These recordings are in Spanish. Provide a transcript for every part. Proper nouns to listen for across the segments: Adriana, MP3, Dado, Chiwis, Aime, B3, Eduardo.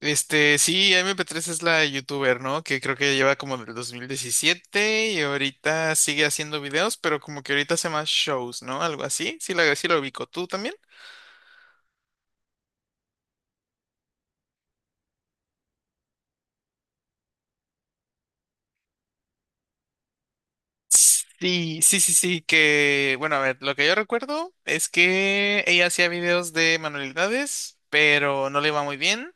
Sí, M P tres es la youtuber, ¿no? Que creo que lleva como del 2017 y ahorita sigue haciendo videos, pero como que ahorita hace más shows, ¿no? Algo así. Sí, la, sí lo ubico. ¿Tú también? Sí, que, bueno, a ver, lo que yo recuerdo es que ella hacía videos de manualidades, pero no le iba muy bien.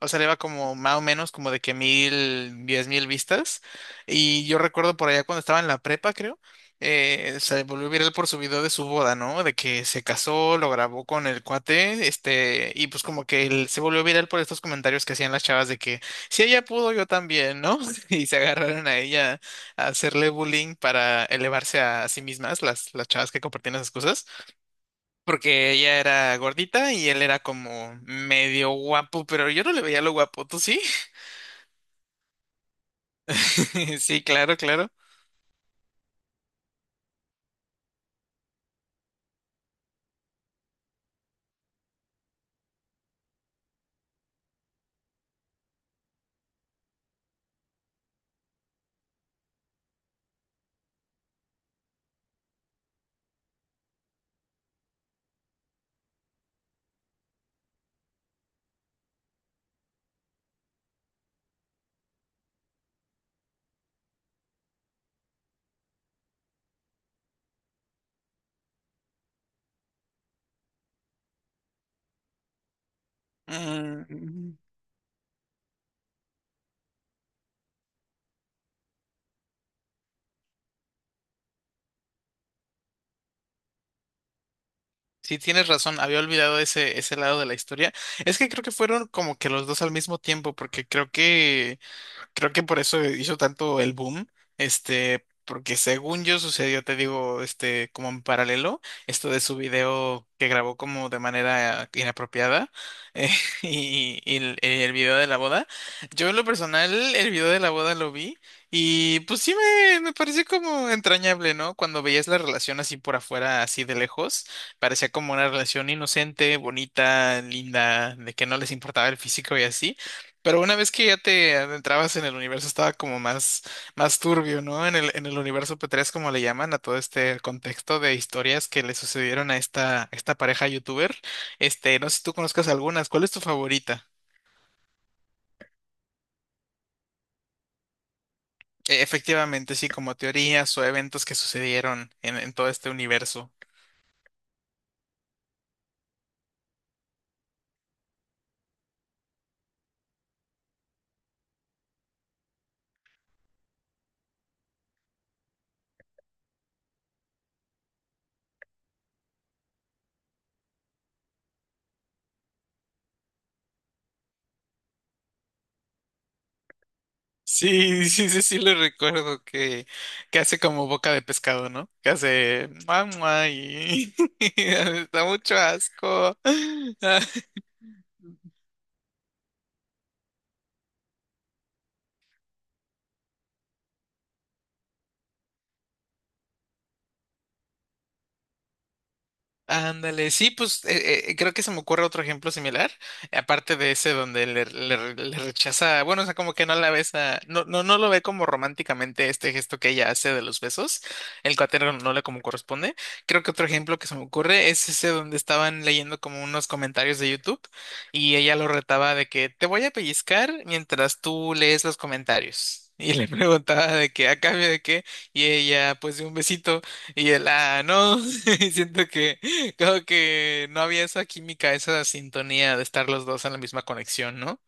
O sea, le iba como más o menos como de que 1,000, 10,000 vistas. Y yo recuerdo por allá cuando estaba en la prepa, creo, se volvió viral por su video de su boda, ¿no? De que se casó, lo grabó con el cuate, y pues como que él se volvió viral por estos comentarios que hacían las chavas de que si ella pudo, yo también, ¿no? Y se agarraron a ella hacerle bullying para elevarse a sí mismas, las chavas que compartían esas cosas, porque ella era gordita y él era como medio guapo, pero yo no le veía lo guapo, ¿tú sí? Sí, claro, claro. Mm, sí, tienes razón, había olvidado ese, ese lado de la historia. Es que creo que fueron como que los dos al mismo tiempo, porque creo que Creo que por eso hizo tanto el boom, porque según yo sucedió, te digo, como en paralelo, esto de su video que grabó como de manera inapropiada eh, y, el video de la boda. Yo en lo personal, el video de la boda lo vi y pues sí me pareció como entrañable, ¿no? Cuando veías la relación así por afuera, así de lejos, parecía como una relación inocente, bonita, linda, de que no les importaba el físico y así. Pero una vez que ya te adentrabas en el universo estaba como más, más turbio, ¿no? En el universo P3, como le llaman, a todo este contexto de historias que le sucedieron a esta, esta pareja youtuber. No sé si tú conozcas algunas, ¿cuál es tu favorita? Efectivamente, sí, como teorías o eventos que sucedieron en todo este universo. Sí, lo recuerdo que hace como boca de pescado, ¿no? Que hace mamá y da mucho asco. Ándale, sí, pues creo que se me ocurre otro ejemplo similar, aparte de ese donde le rechaza, bueno, o sea, como que no la besa, no lo ve como románticamente este gesto que ella hace de los besos, el cuatero no le como corresponde. Creo que otro ejemplo que se me ocurre es ese donde estaban leyendo como unos comentarios de YouTube y ella lo retaba de que te voy a pellizcar mientras tú lees los comentarios. Y le preguntaba de qué, a cambio de qué, y ella, pues de un besito, y él, ah, no, siento que creo que no había esa química, esa sintonía de estar los dos en la misma conexión, ¿no?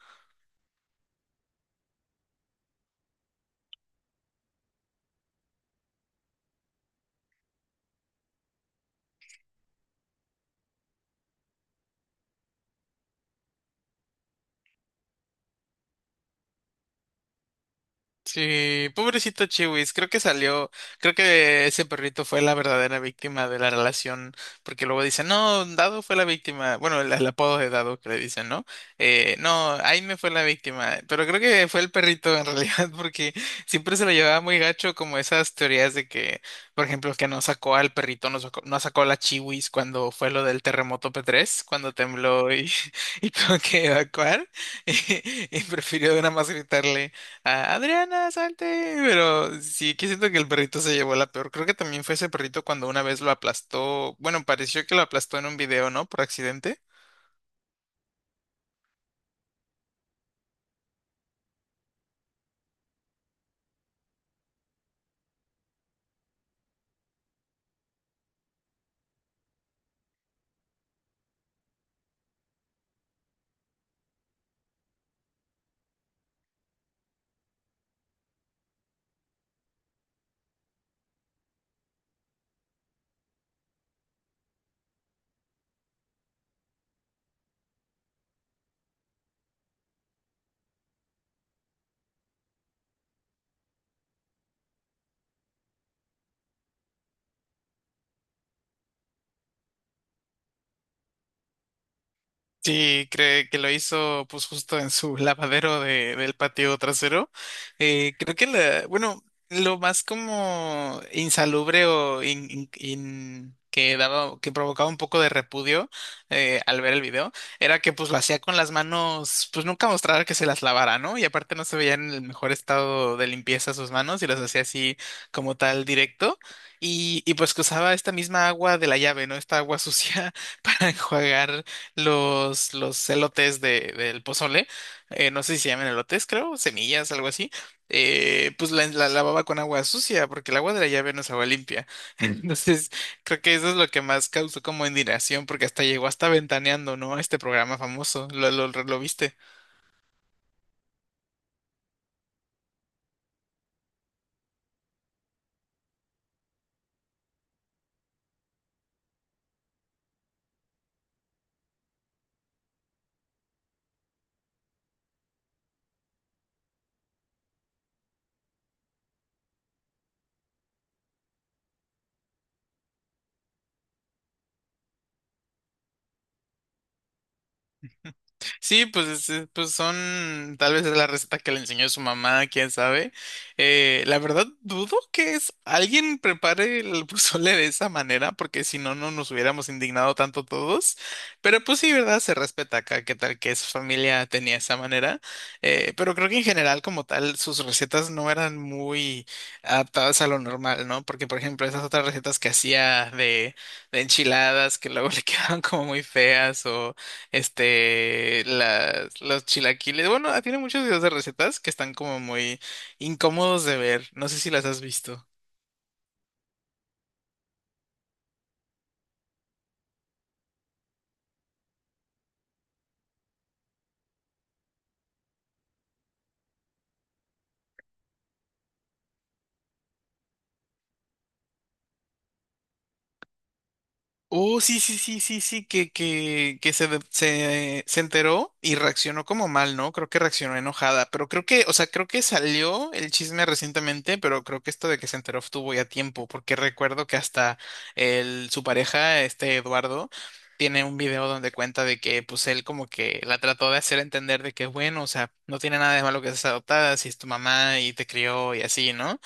Sí, pobrecito Chiwis, creo que salió, creo que ese perrito fue la verdadera víctima de la relación, porque luego dicen, no, Dado fue la víctima, bueno, el apodo de Dado que le dicen, ¿no? No, Aime fue la víctima, pero creo que fue el perrito en realidad, porque siempre se lo llevaba muy gacho, como esas teorías de que, por ejemplo, que no sacó al perrito, no sacó a la Chiwis cuando fue lo del terremoto P3, cuando tembló y, y tuvo que evacuar, y prefirió nada más gritarle a Adriana, salte. Pero sí que siento que el perrito se llevó la peor. Creo que también fue ese perrito cuando una vez lo aplastó. Bueno, pareció que lo aplastó en un video, ¿no? Por accidente. Sí, cree que lo hizo pues justo en su lavadero del patio trasero. Creo que la, bueno, lo más como insalubre o que daba, que provocaba un poco de repudio al ver el video, era que pues lo hacía con las manos, pues nunca mostraba que se las lavara, ¿no? Y aparte no se veía en el mejor estado de limpieza sus manos y las hacía así como tal directo. Y pues que usaba esta misma agua de la llave, ¿no? Esta agua sucia para enjuagar los elotes del pozole, no sé si se llaman elotes, creo, semillas, algo así, pues la lavaba con agua sucia, porque el agua de la llave no es agua limpia. Entonces, creo que eso es lo que más causó como indignación, porque hasta llegó hasta ventaneando, ¿no? A este programa famoso, lo viste. Sí, pues, pues son, tal vez es la receta que le enseñó su mamá, quién sabe. La verdad, dudo que es, alguien prepare el pozole de esa manera, porque si no, no nos hubiéramos indignado tanto todos. Pero pues sí, ¿verdad? Se respeta acá, qué tal que su familia tenía esa manera. Pero creo que en general, como tal, sus recetas no eran muy adaptadas a lo normal, ¿no? Porque, por ejemplo, esas otras recetas que hacía de enchiladas, que luego le quedaban como muy feas o los chilaquiles. Bueno, ah, tiene muchos videos de recetas que están como muy incómodos de ver. No sé si las has visto. Oh, sí, que se enteró y reaccionó como mal, ¿no? Creo que reaccionó enojada, pero creo que, o sea, creo que salió el chisme recientemente, pero creo que esto de que se enteró estuvo ya tiempo, porque recuerdo que hasta su pareja, este Eduardo, tiene un video donde cuenta de que, pues, él como que la trató de hacer entender de que, bueno, o sea, no tiene nada de malo que seas adoptada, si es tu mamá y te crió y así, ¿no?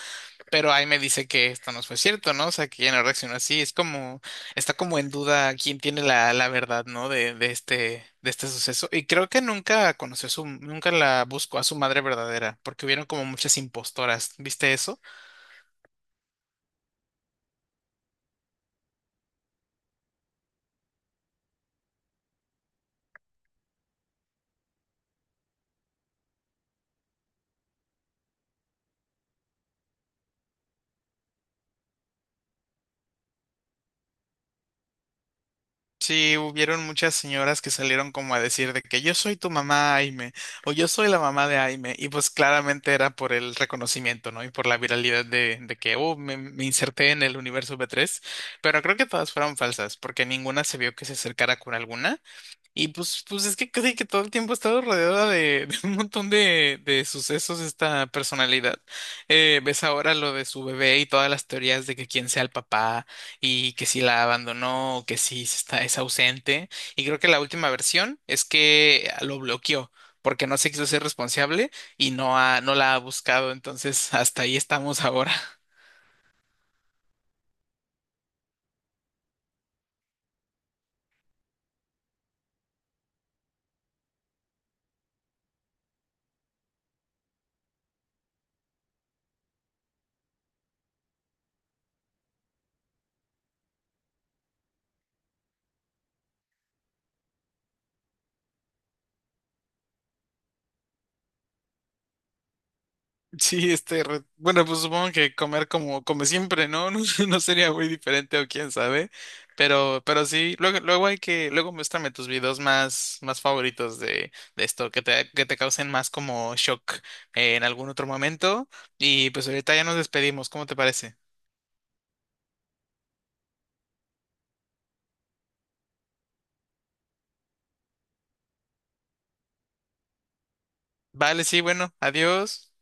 Pero ahí me dice que esto no fue cierto, ¿no? O sea, que ya no reaccionó así. Es como, está como en duda quién tiene la, la verdad, ¿no? De, de este suceso. Y creo que nunca conoció a su, nunca la buscó a su madre verdadera, porque hubieron como muchas impostoras. ¿Viste eso? Sí, hubieron muchas señoras que salieron como a decir de que yo soy tu mamá, Aime, o yo soy la mamá de Aime, y pues claramente era por el reconocimiento, ¿no? Y por la viralidad de que, oh, me inserté en el universo B3, pero creo que todas fueron falsas, porque ninguna se vio que se acercara con alguna, y pues, pues es que casi que todo el tiempo ha estado rodeada de, de un montón de sucesos esta personalidad. Ves ahora lo de su bebé y todas las teorías de que quién sea el papá y que si la abandonó o que si se está, es ausente. Y creo que la última versión es que lo bloqueó porque no se quiso ser responsable y no, ha, no la ha buscado. Entonces, hasta ahí estamos ahora. Sí, bueno, pues supongo que comer como come siempre, ¿no? No, no sería muy diferente o quién sabe, pero sí, luego muéstrame tus videos más, más favoritos de esto, que te causen más como shock en algún otro momento y pues ahorita ya nos despedimos, ¿cómo te parece? Vale, sí, bueno, adiós.